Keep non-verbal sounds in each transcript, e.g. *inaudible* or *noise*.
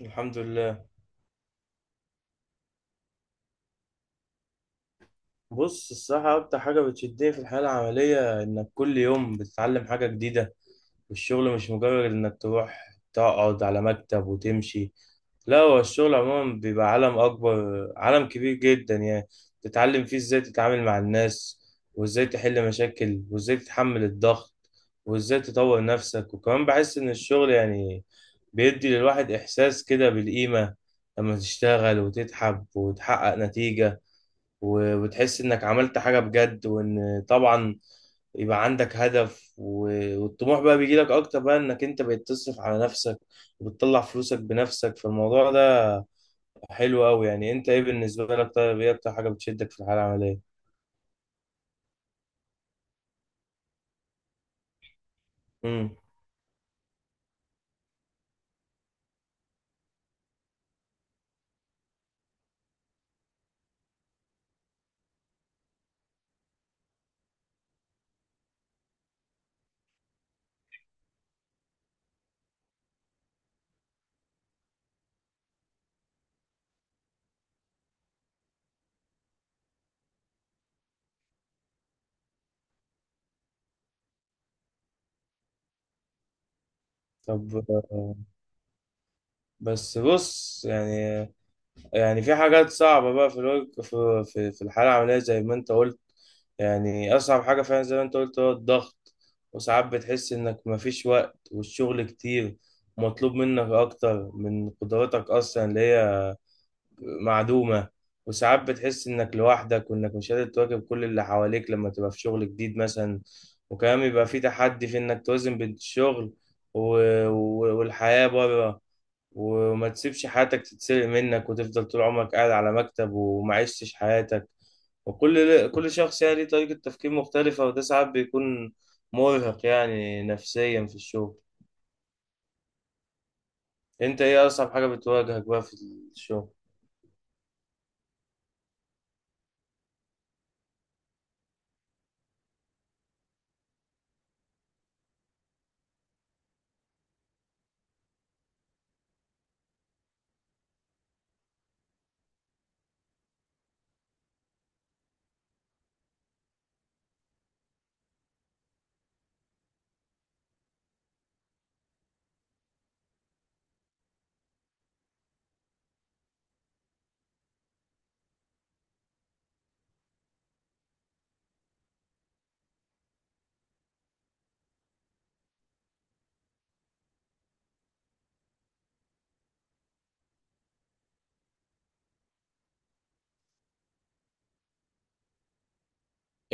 الحمد لله. بص، الصراحة أكتر حاجة بتشدني في الحياة العملية إنك كل يوم بتتعلم حاجة جديدة، والشغل مش مجرد إنك تروح تقعد على مكتب وتمشي. لا، هو الشغل عموما بيبقى عالم أكبر، عالم كبير جدا يعني. تتعلم فيه إزاي تتعامل مع الناس، وإزاي تحل مشاكل، وإزاي تتحمل الضغط، وإزاي تطور نفسك. وكمان بحس إن الشغل يعني بيدي للواحد إحساس كده بالقيمة، لما تشتغل وتتعب وتحقق نتيجة، وتحس انك عملت حاجة بجد. وان طبعا يبقى عندك هدف، والطموح بقى بيجيلك اكتر، بقى انك انت بقيت تصرف على نفسك وبتطلع فلوسك بنفسك. فالموضوع ده حلو قوي يعني. انت ايه بالنسبة لك؟ طيب، ايه اكتر حاجة بتشدك في الحالة العملية؟ امم طب، آه، بس بص يعني في حاجات صعبة بقى في الحالة العملية زي ما أنت قلت. يعني أصعب حاجة فعلا زي ما أنت قلت هو الضغط. وساعات بتحس إنك مفيش وقت والشغل كتير ومطلوب منك أكتر من قدراتك أصلا، اللي هي معدومة. وساعات بتحس إنك لوحدك وإنك مش قادر تواكب كل اللي حواليك لما تبقى في شغل جديد مثلا. وكمان بيبقى في تحدي في إنك توازن بين الشغل والحياة بره، وما تسيبش حياتك تتسرق منك وتفضل طول عمرك قاعد على مكتب وما عشتش حياتك. وكل شخص يعني ليه طريقة تفكير مختلفة، وده ساعات بيكون مرهق يعني نفسيا في الشغل. انت ايه اصعب حاجة بتواجهك بقى في الشغل؟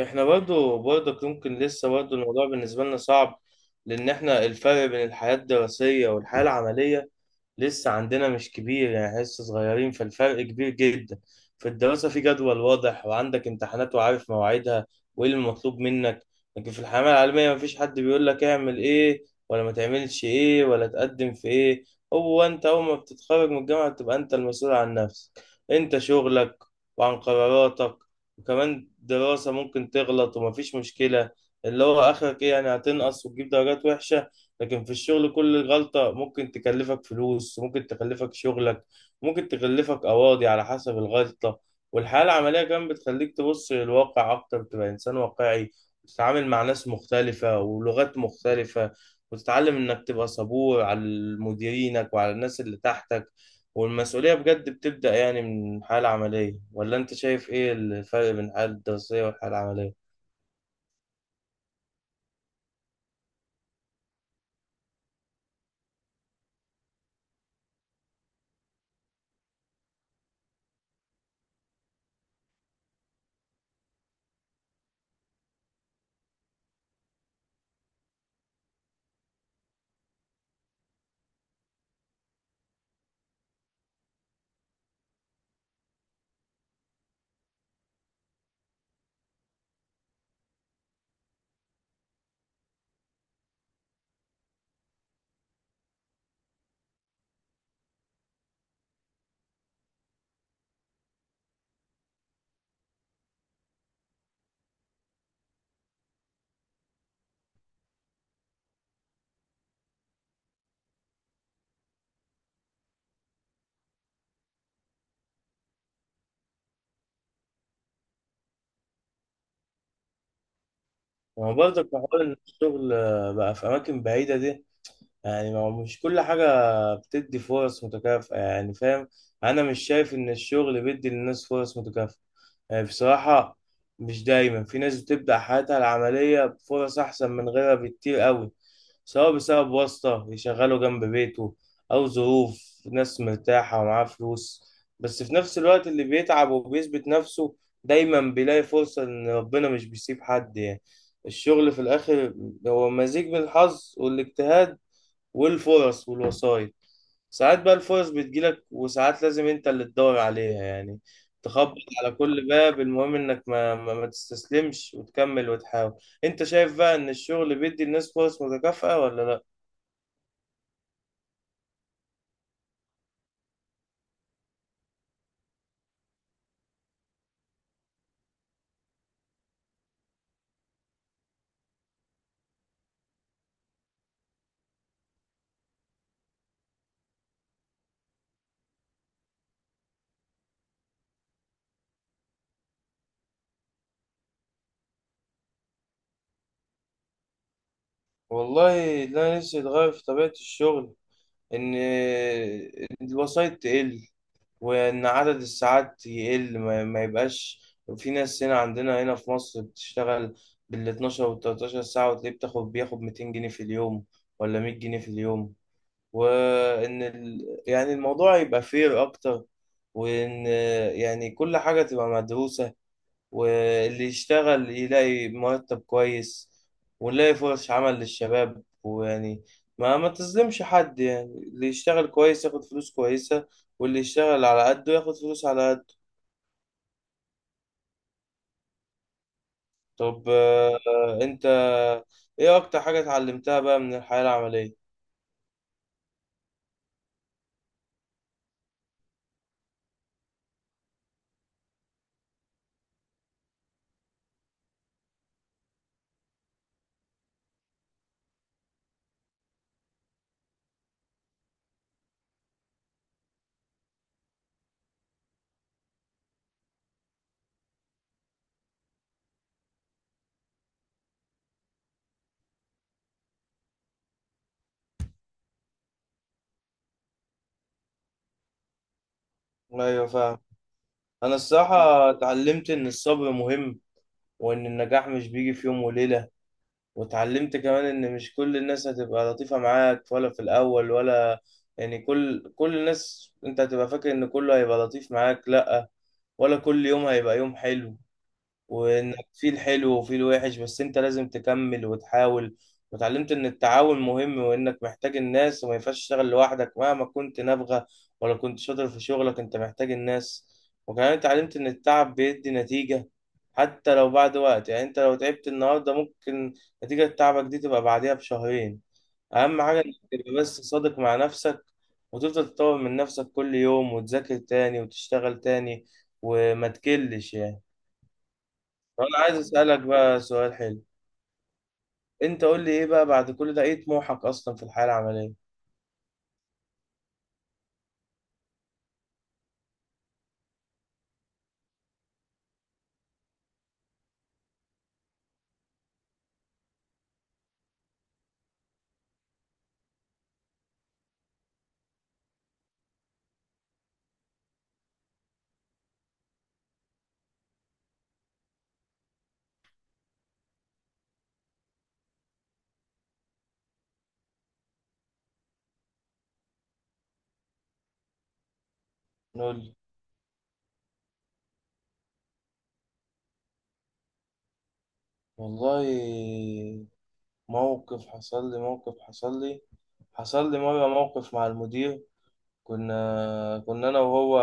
احنا برضو برضك ممكن لسه برضو الموضوع بالنسبة لنا صعب، لأن احنا الفرق بين الحياة الدراسية والحياة العملية لسه عندنا مش كبير يعني. إحنا لسه صغيرين فالفرق كبير جدا. في الدراسة في جدول واضح وعندك امتحانات وعارف مواعيدها وإيه اللي مطلوب منك. لكن في الحياة العملية مفيش حد بيقول لك اعمل إيه ولا ما تعملش إيه ولا تقدم في إيه. هو أنت أول ما بتتخرج من الجامعة بتبقى أنت المسؤول عن نفسك، أنت شغلك، وعن قراراتك. وكمان دراسة ممكن تغلط ومفيش مشكلة، اللي هو آخرك إيه يعني؟ هتنقص وتجيب درجات وحشة. لكن في الشغل كل غلطة ممكن تكلفك فلوس، ممكن تكلفك شغلك، ممكن تكلفك قواضي على حسب الغلطة. والحياة العملية كمان بتخليك تبص للواقع أكتر، تبقى إنسان واقعي، وتتعامل مع ناس مختلفة ولغات مختلفة، وتتعلم إنك تبقى صبور على مديرينك وعلى الناس اللي تحتك. والمسؤولية بجد بتبدأ يعني من حالة عملية. ولا أنت شايف إيه الفرق بين الحالة الدراسية والحالة العملية؟ ما هو برضك بحاول إن الشغل، آه، بقى في أماكن بعيدة دي. يعني ما هو مش كل حاجة بتدي فرص متكافئة، يعني فاهم. أنا مش شايف إن الشغل بيدي للناس فرص متكافئة يعني، بصراحة. مش دايما، في ناس بتبدأ حياتها العملية بفرص أحسن من غيرها بكتير قوي، سواء بسبب واسطة يشغله جنب بيته، أو ظروف ناس مرتاحة ومعاه فلوس. بس في نفس الوقت اللي بيتعب وبيثبت نفسه دايما بيلاقي فرصة، إن ربنا مش بيسيب حد يعني. الشغل في الآخر هو مزيج من الحظ والاجتهاد والفرص والوسايط. ساعات بقى الفرص بتجيلك، وساعات لازم انت اللي تدور عليها يعني. تخبط على كل باب، المهم انك ما تستسلمش وتكمل وتحاول. انت شايف بقى ان الشغل بيدي الناس فرص متكافئة ولا لا؟ والله، ده نفسي يتغير في طبيعة الشغل، ان الوسايط تقل، وإن عدد الساعات يقل، ما يبقاش في ناس هنا، عندنا هنا في مصر بتشتغل بال 12 وال 13 ساعة، وتلاقيه بياخد 200 جنيه في اليوم، ولا 100 جنيه في اليوم. وإن ال... يعني الموضوع يبقى فير أكتر، وإن يعني كل حاجة تبقى مدروسة، واللي يشتغل يلاقي مرتب كويس، ونلاقي فرص عمل للشباب، ويعني ما تظلمش حد يعني. اللي يشتغل كويس ياخد فلوس كويسة، واللي يشتغل على قده ياخد فلوس على قده. طب، آه، انت ايه اكتر حاجة اتعلمتها بقى من الحياة العملية؟ ايوه فاهم. انا الصراحة اتعلمت ان الصبر مهم، وان النجاح مش بيجي في يوم وليلة. واتعلمت كمان ان مش كل الناس هتبقى لطيفة معاك، ولا في الاول ولا. يعني كل الناس انت هتبقى فاكر ان كله هيبقى لطيف معاك، لا. ولا كل يوم هيبقى يوم حلو. وانك في الحلو وفي الوحش بس انت لازم تكمل وتحاول. وتعلمت ان التعاون مهم، وانك محتاج الناس، وما ينفعش تشتغل لوحدك مهما كنت نابغة ولا كنت شاطر في شغلك، انت محتاج الناس. وكمان اتعلمت ان التعب بيدي نتيجة، حتى لو بعد وقت. يعني انت لو تعبت النهاردة، ممكن نتيجة تعبك دي تبقى بعديها بشهرين. اهم حاجة انك تبقى بس صادق مع نفسك، وتفضل تطور من نفسك كل يوم، وتذاكر تاني وتشتغل تاني، وما تكلش يعني. انا عايز اسالك بقى سؤال حلو. انت قول لي، ايه بقى بعد كل ده ايه طموحك اصلا في الحياه العمليه؟ نقول لي. والله، موقف حصل لي موقف حصل لي حصل لي مره موقف مع المدير. كنا انا وهو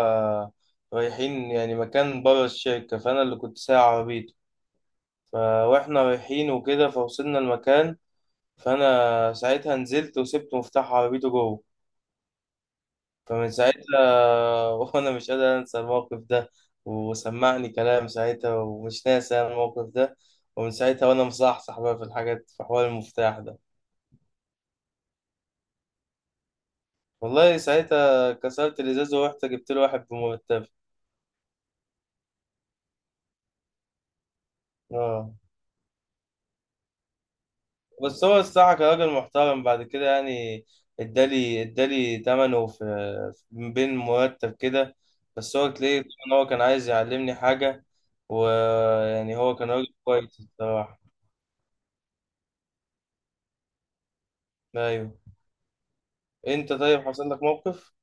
رايحين يعني مكان بره الشركه، فانا اللي كنت سايق عربيته. ف- واحنا رايحين وكده فوصلنا المكان، فانا ساعتها نزلت وسبت مفتاح عربيته جوه. فمن ساعتها *laughs* وانا مش قادر انسى الموقف ده. وسمعني كلام ساعتها، ومش ناسي أنا الموقف ده، ومن ساعتها وانا مصحصح بقى في الحاجات، في حوار المفتاح ده. والله ساعتها كسرت الازاز ورحت جبت له واحد بمرتب. اه. بس هو الصراحه كان راجل محترم بعد كده يعني. ادالي تمنه في بين مرتب كده. بس هو تلاقيه ان هو كان عايز يعلمني حاجه. ويعني هو كان راجل كويس الصراحه. ايوه. انت طيب، حصل لك موقف؟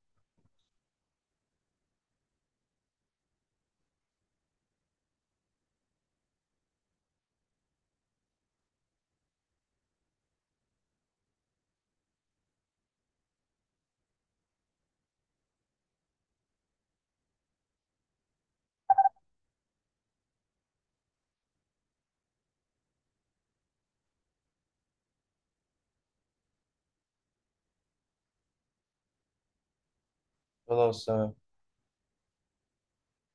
خلاص.